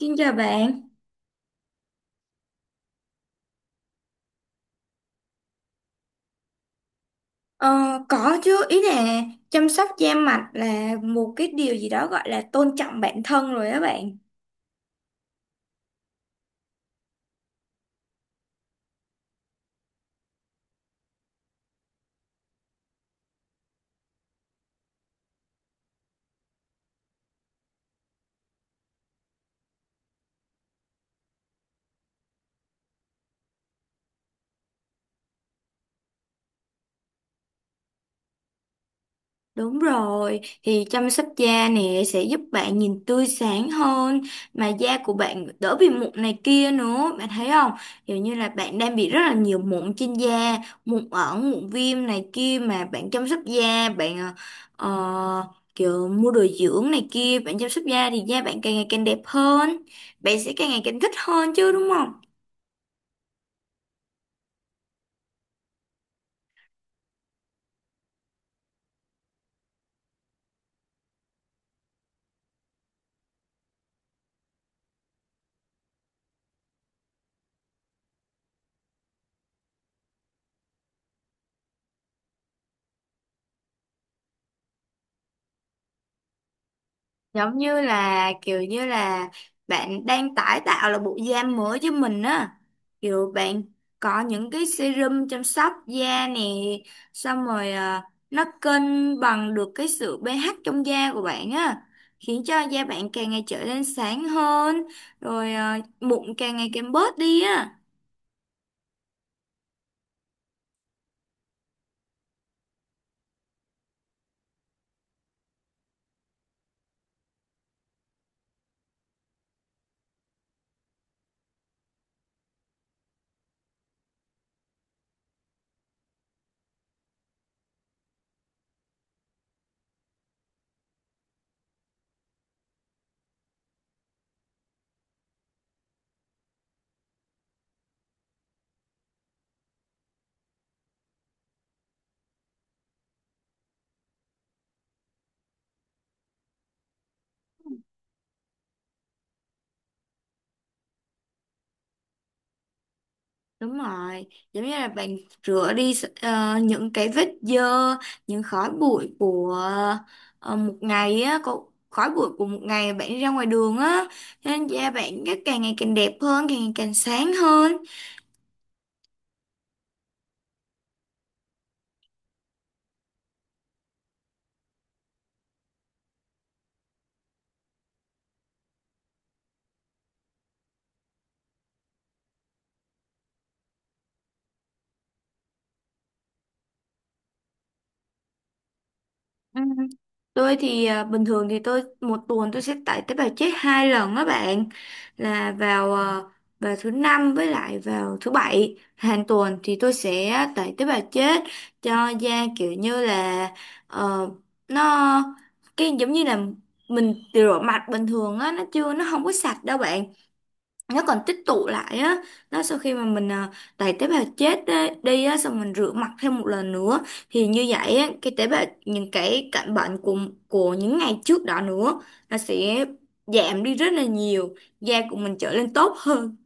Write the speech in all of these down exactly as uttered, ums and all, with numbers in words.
Xin chào bạn. Ờ, có chứ, ý là chăm sóc da mặt là một cái điều gì đó gọi là tôn trọng bản thân rồi đó bạn. Đúng rồi, thì chăm sóc da nè sẽ giúp bạn nhìn tươi sáng hơn mà da của bạn đỡ bị mụn này kia nữa, bạn thấy không? Kiểu như là bạn đang bị rất là nhiều mụn trên da, mụn ẩn, mụn viêm này kia mà bạn chăm sóc da, bạn ờ, ờ, kiểu mua đồ dưỡng này kia, bạn chăm sóc da thì da bạn càng ngày càng đẹp hơn, bạn sẽ càng ngày càng thích hơn chứ đúng không? Giống như là kiểu như là bạn đang tái tạo là bộ da mới cho mình á, kiểu bạn có những cái serum chăm sóc da nè, xong rồi à, nó cân bằng được cái sự pH trong da của bạn á, khiến cho da bạn càng ngày trở nên sáng hơn, rồi à, mụn càng ngày càng bớt đi á. Đúng rồi, giống như là bạn rửa đi ờ, những cái vết dơ, những khói bụi của ờ, một ngày á, cô- khói bụi của một ngày bạn đi ra ngoài đường á, cho nên da bạn cái càng ngày càng đẹp hơn, càng ngày càng sáng hơn. Ừ. Tôi thì à, bình thường thì tôi một tuần tôi sẽ tải tế bào chết hai lần đó bạn, là vào à, vào thứ năm với lại vào thứ bảy hàng tuần thì tôi sẽ tải tế bào chết cho da, kiểu như là ờ, nó cái giống như là mình rửa mặt bình thường á, nó chưa nó không có sạch đâu bạn, nó còn tích tụ lại á. Đó sau khi mà mình à, đẩy tế bào chết á- đi á xong mình rửa mặt thêm một lần nữa, thì như vậy á, cái tế bào những cái cạnh bệnh của của những ngày trước đó nữa nó sẽ giảm đi rất là nhiều, da của mình trở lên tốt hơn.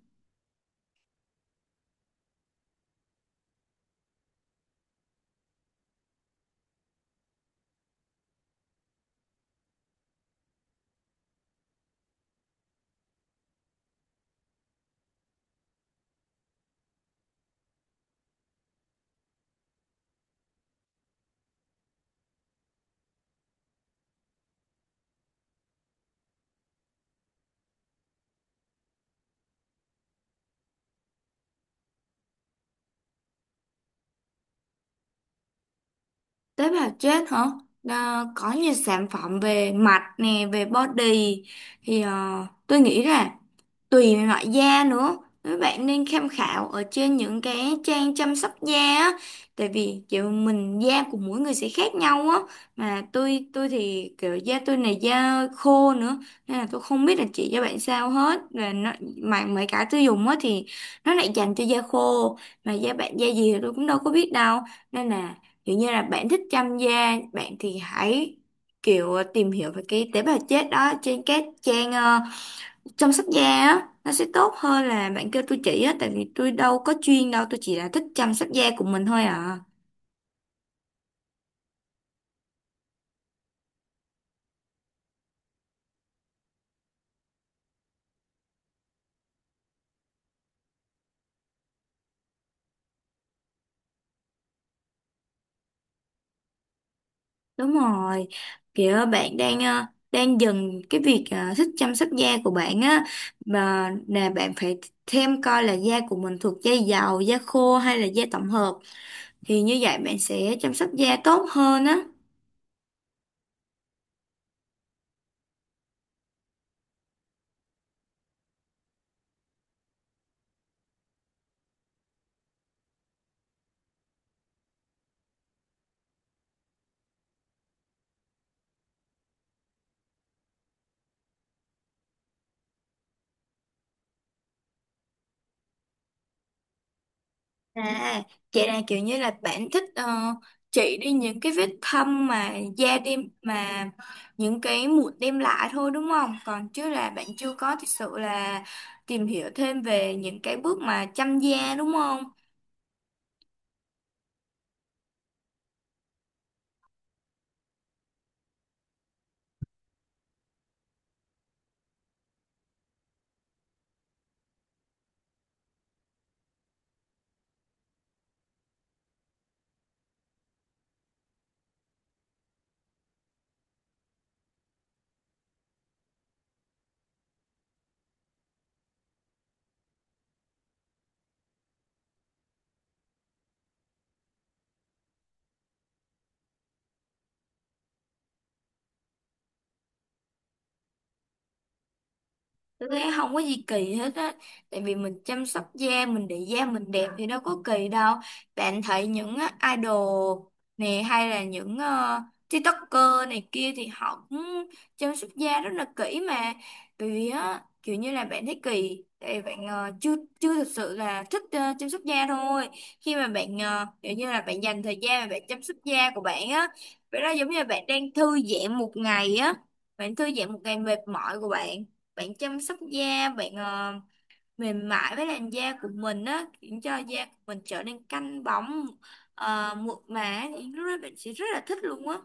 Tế bào chết hả? Đó, có nhiều sản phẩm về mặt nè về body thì à, tôi nghĩ là tùy loại da nữa, các bạn nên tham khảo ở trên những cái trang chăm sóc da á, tại vì kiểu mình da của mỗi người sẽ khác nhau á. Mà tôi tôi thì kiểu da tôi này da khô nữa, nên là tôi không biết là chị cho bạn sao hết, và nó mà mấy cái tôi dùng á thì nó lại dành cho da khô, mà da bạn da gì thì tôi cũng đâu có biết đâu, nên là kiểu như là bạn thích chăm da bạn thì hãy kiểu tìm hiểu về cái tế bào chết đó trên các trang ờ, chăm sóc da á, nó sẽ tốt hơn là bạn kêu tôi chỉ á, tại vì tôi đâu có chuyên đâu, tôi chỉ là thích chăm sóc da của mình thôi à. Đúng rồi, kiểu bạn đang ờ, đang dần cái việc ờ, thích chăm sóc da của bạn á, mà là bạn phải thêm coi là da của mình thuộc da dầu da khô hay là da tổng hợp, thì như vậy bạn sẽ chăm sóc da tốt hơn á. À, vậy là kiểu như là bạn thích ờ, chỉ đi những cái vết thâm mà da đem mà những cái mụn đem lại thôi đúng không? Còn chứ là bạn chưa có thực sự là tìm hiểu thêm về những cái bước mà chăm da đúng không? Tôi thấy không có gì kỳ hết á. Tại vì mình chăm sóc da mình để da mình đẹp thì đâu có kỳ đâu. Bạn thấy những á, idol này hay là những ờ, TikToker này kia thì họ cũng chăm sóc da rất là kỹ mà. Bởi vì á kiểu như là bạn thấy kỳ tại vì bạn ờ, chưa chưa thực sự là thích ờ, chăm sóc da thôi. Khi mà bạn ờ, kiểu như là bạn dành thời gian mà bạn chăm sóc da của bạn á, vậy đó giống như là bạn đang thư giãn một ngày á. Bạn thư giãn một ngày mệt mỏi của bạn, bạn chăm sóc da bạn ờ, mềm mại với làn da của mình á, khiến cho da của mình trở nên căng bóng ờ, mượt mà, thì lúc đó bạn sẽ rất là thích luôn á.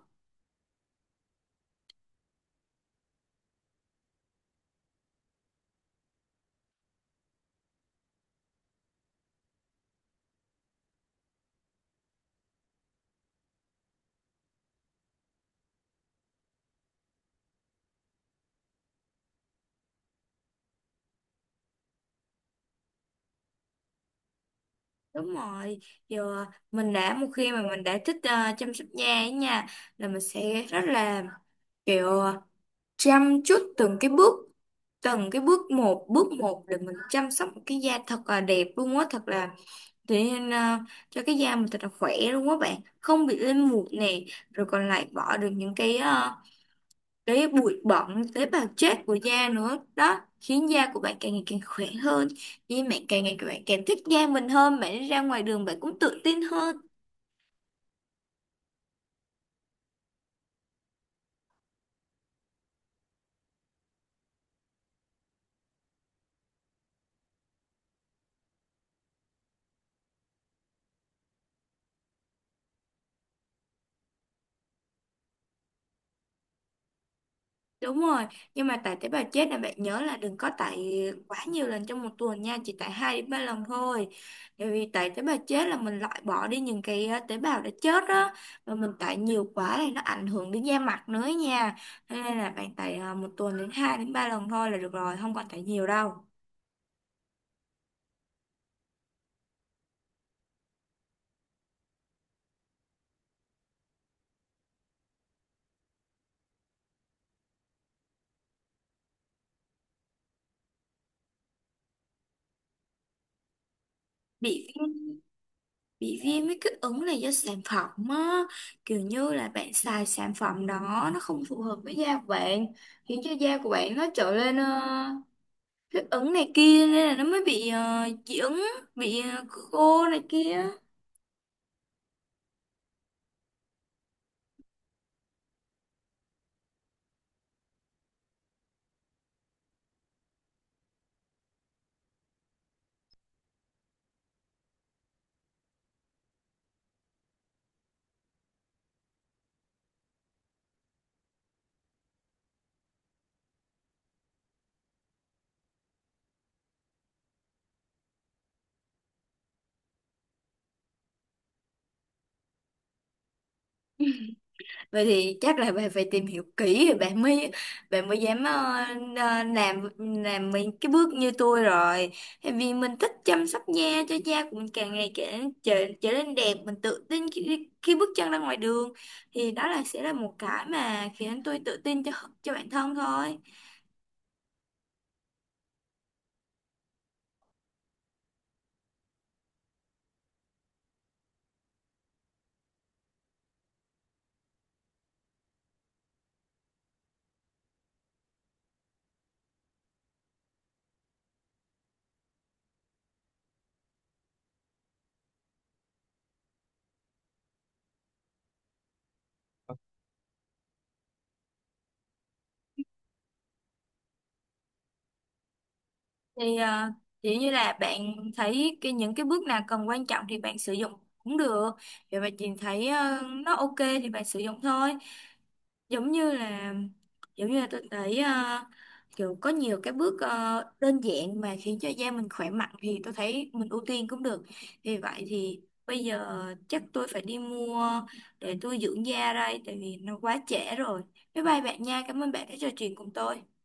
Đúng rồi, giờ mình đã một khi mà mình đã thích ờ, chăm sóc da ấy nha, là mình sẽ rất là kiểu chăm chút từng cái bước, từng cái bước một bước một để mình chăm sóc một cái da thật là đẹp luôn á, thật là thế nên à, cho cái da mình thật là khỏe luôn á bạn. Không bị lên mụn nè, rồi còn lại bỏ được những cái à, cái bụi bẩn tế bào chết của da nữa. Đó khiến da của bạn càng ngày càng khỏe hơn, vì bạn càng ngày các bạn càng thích da mình hơn, bạn đi ra ngoài đường bạn cũng tự tin hơn. Đúng rồi, nhưng mà tải tế bào chết là bạn nhớ là đừng có tải quá nhiều lần trong một tuần nha, chỉ tải hai đến ba lần thôi. Bởi vì tải tế bào chết là mình loại bỏ đi những cái ờ, tế bào đã chết đó, và mình tải nhiều quá thì nó ảnh hưởng đến da mặt nữa nha. Cho nên là bạn tải ờ, một tuần đến hai đến ba lần thôi là được rồi, không còn tải nhiều đâu. Bị viêm, bị viêm với kích ứng là do sản phẩm á, kiểu như là bạn xài sản phẩm đó nó không phù hợp với da của bạn, khiến cho da của bạn nó trở lên ờ, thích ứng này kia, nên là nó mới bị ờ, dị ứng, bị ờ, khô này kia. Vậy thì chắc là bạn phải tìm hiểu kỹ rồi bạn mới bạn mới dám ờ, ờ, làm làm mấy cái bước như tôi rồi. Tại vì mình thích chăm sóc da cho da của mình càng ngày càng trở, trở nên đẹp, mình tự tin khi, khi bước chân ra ngoài đường, thì đó là sẽ là một cái mà khiến tôi tự tin cho cho bản thân thôi. Thì à, chỉ như là bạn thấy cái những cái bước nào cần quan trọng thì bạn sử dụng cũng được, vậy mà chị thấy ờ, nó ok thì bạn sử dụng thôi. Giống như là giống như là tôi thấy ờ, kiểu có nhiều cái bước ờ, đơn giản mà khiến cho da mình khỏe mạnh thì tôi thấy mình ưu tiên cũng được. Vì vậy thì bây giờ chắc tôi phải đi mua để tôi dưỡng da đây, tại vì nó quá trễ rồi. Bye bye bạn nha, cảm ơn bạn đã trò chuyện cùng tôi.